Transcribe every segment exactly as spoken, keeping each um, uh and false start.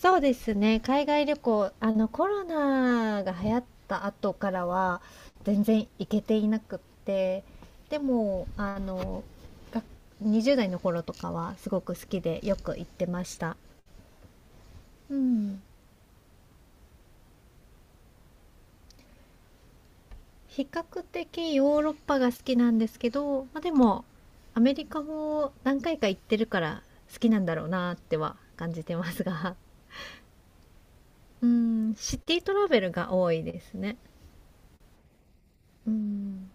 そうですね。海外旅行、あの、コロナが流行った後からは、全然行けていなくって、でも、あの、がにじゅうだい代の頃とかはすごく好きでよく行ってました。うん。比較的ヨーロッパが好きなんですけど、まあ、でも、アメリカも何回か行ってるから好きなんだろうなっては感じてますが、うん、シティトラベルが多いですね。うん。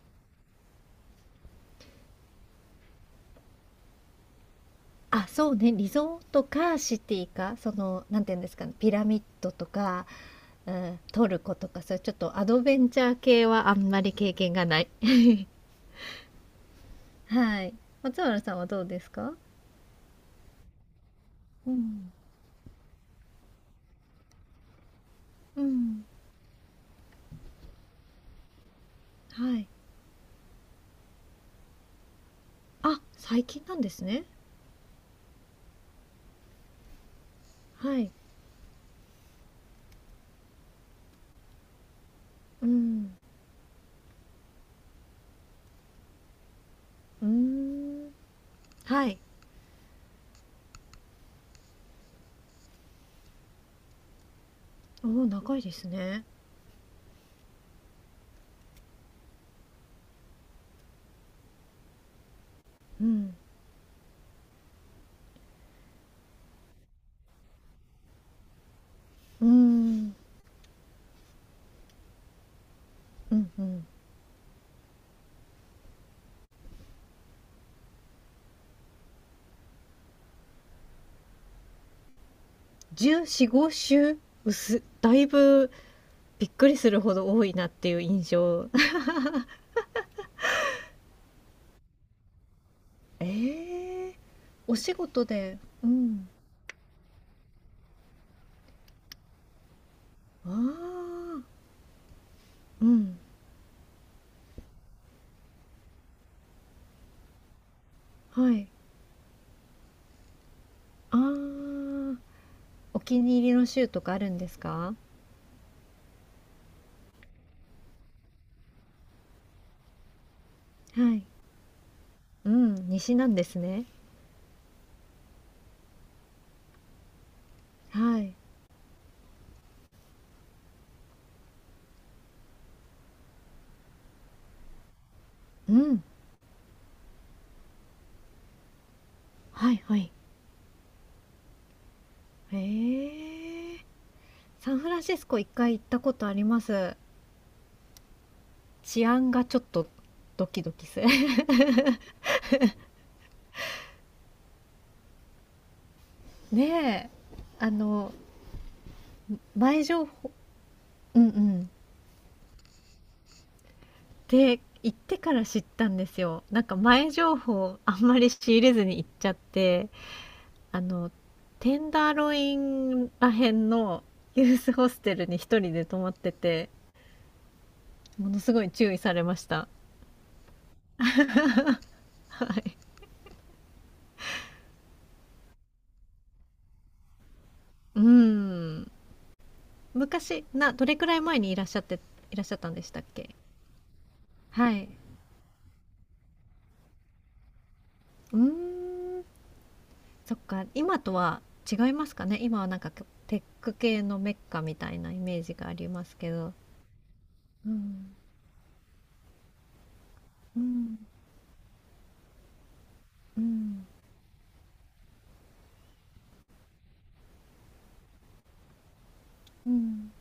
あ、そうね、リゾートかシティか、その、なんていうんですかね、ピラミッドとか、うん、トルコとか、そういうちょっとアドベンチャー系はあんまり経験がない。はい。松原さんはどうですか？うん。うん。はい。あ、最近なんですね。はい。うん。うーん。はい。おお、長いですね。うん。うーん。うんうん。じゅうよん、ご週薄。だいぶびっくりするほど多いなっていう印象。ええ、お仕事で、うん、ああ、うん、はい、ああ、お気に入りの州とかあるんですか？はい、うん、西なんですね。はい、うん、はいはい。ええ、サンフランシスコいっかい行ったことあります。治安がちょっとドキドキする。ねえ、あの、前情報。うんうん、で、行ってから知ったんですよ。なんか前情報あんまり仕入れずに行っちゃって、あの、テンダーロインらへんのユースホステルに一人で泊まってて、ものすごい注意されました。はい。うーん。昔、な、どれくらい前にいらっしゃって、いらっしゃったんでしたっけ？はい。うーん。そっか、今とは違いますかね。今はなんかテック系のメッカみたいなイメージがありますけど。うん。うん。うん、うん、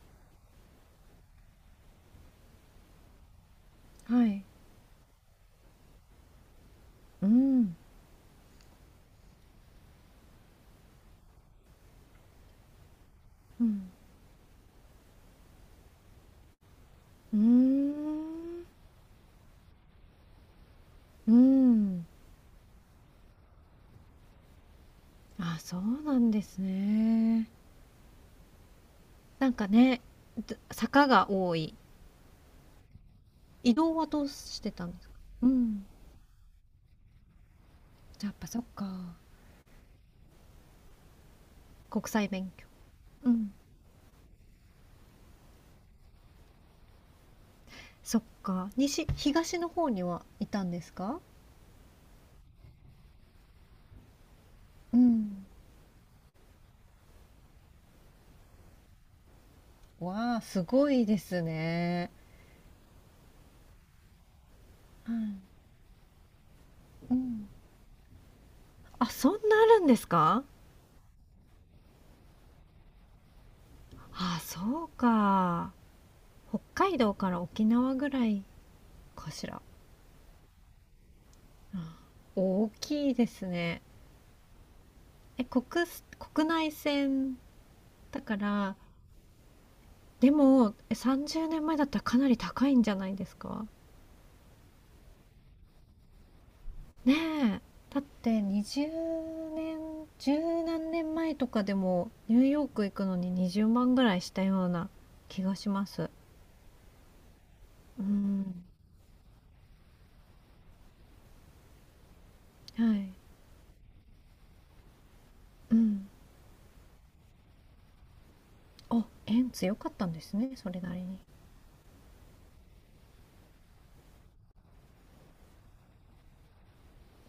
はい。うん、うん、うーん、うん。あ、そうなんですね。なんかね、ど坂が多い。移動はどうしてたんですか？うん、じゃ、やっぱそっか、国際勉強、うん、そっか、西東の方にはいたんですか？うん。わあ、すごいですね。はい、うん。あ、そんなあるんですか？あ、そうか。北海道から沖縄ぐらいかしら。大きいですねえ、国国内線だから、でも、さんじゅうねんまえさんじゅうねんまえだったらかなり高いんじゃないですか？ねえ、だってにじゅうねん、十何年前とかでもニューヨーク行くのににじゅうまんぐらいしたような気がします。うん、はい、うん、あ、円強かったんですね、それなりに。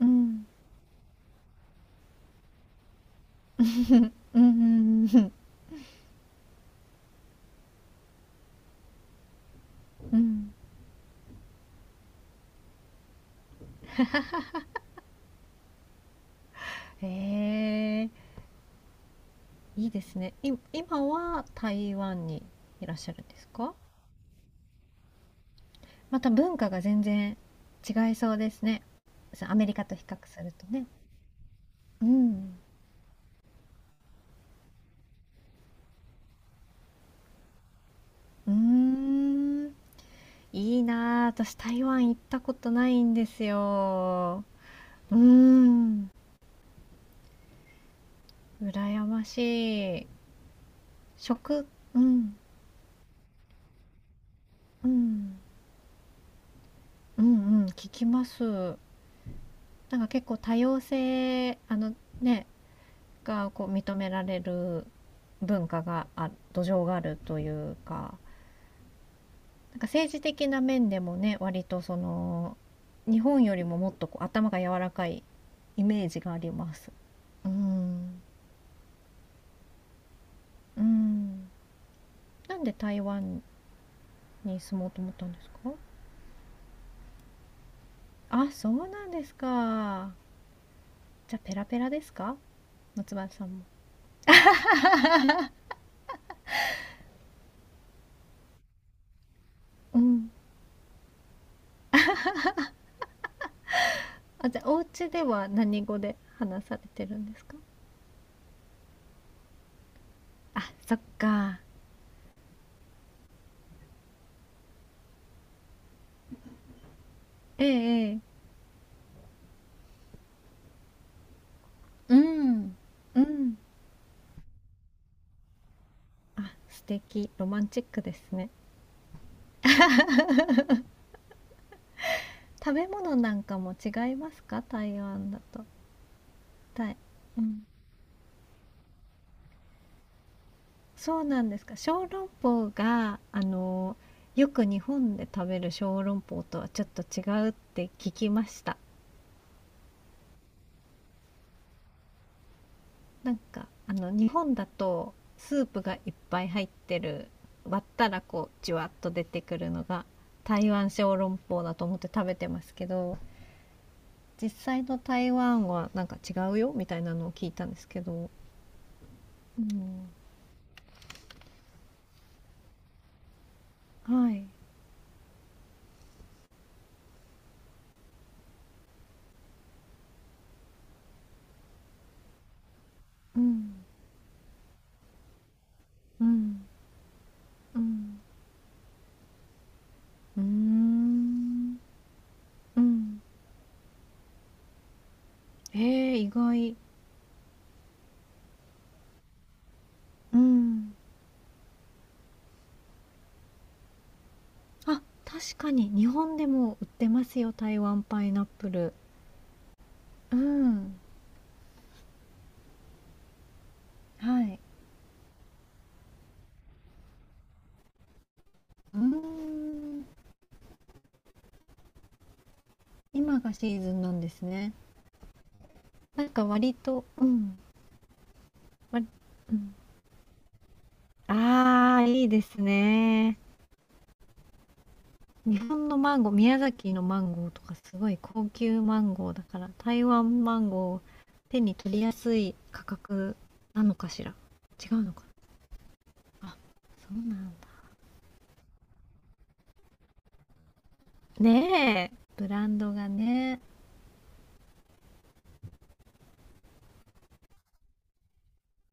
うん、うん、うん、うん、うん、へえ、いいですね。い、今は台湾にいらっしゃるんですか？また文化が全然違いそうですね。そう、アメリカと比較するとね。うん。うーん。いいなあ。私、台湾行ったことないんですよ。うーん。羨ましい。食、うん。うん。うんうん。聞きます。なんか結構多様性、あのね、がこう認められる文化が、あ、土壌があるというか。なんか政治的な面でもね、割とその日本よりももっとこう頭が柔らかいイメージがあります。うん、うん、なんで台湾に住もうと思ったんですか？あ、そうなんですか？じゃあペラペラですか？松原さんも。うん、あ、じゃあお家では何語で話されてるんですか？あ、そっか。ええええ、うん、うん。あ、素敵、ロマンチックですね。食べ物なんかも違いますか？台湾だと。たうん。そうなんですか。小籠包が、あの、よく日本で食べる小籠包とはちょっと違うって聞きました。なんか、あの、日本だとスープがいっぱい入ってる、割ったらこう、じゅわっと出てくるのが、台湾小籠包だと思って食べてますけど、実際の台湾はなんか違うよみたいなのを聞いたんですけど。うん、はい、うん、うん、うん、うーん、うん、えー、意外、うん、あ、確かに日本でも売ってますよ、台湾パイナップル。うん、はい、うーん、今がシーズンなんですね。なんか割と、うん、割、うん、ああ、いいですね。日本のマンゴー、宮崎のマンゴーとかすごい高級マンゴーだから、台湾マンゴーを手に取りやすい価格なのかしら。違うのかな。あ、そうなんだ。ねえ、ブランドがね。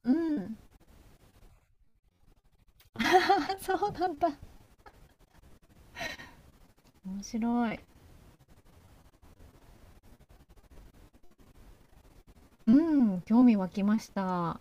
うん。あ、そうなんだ。面白い。うん、興味湧きました。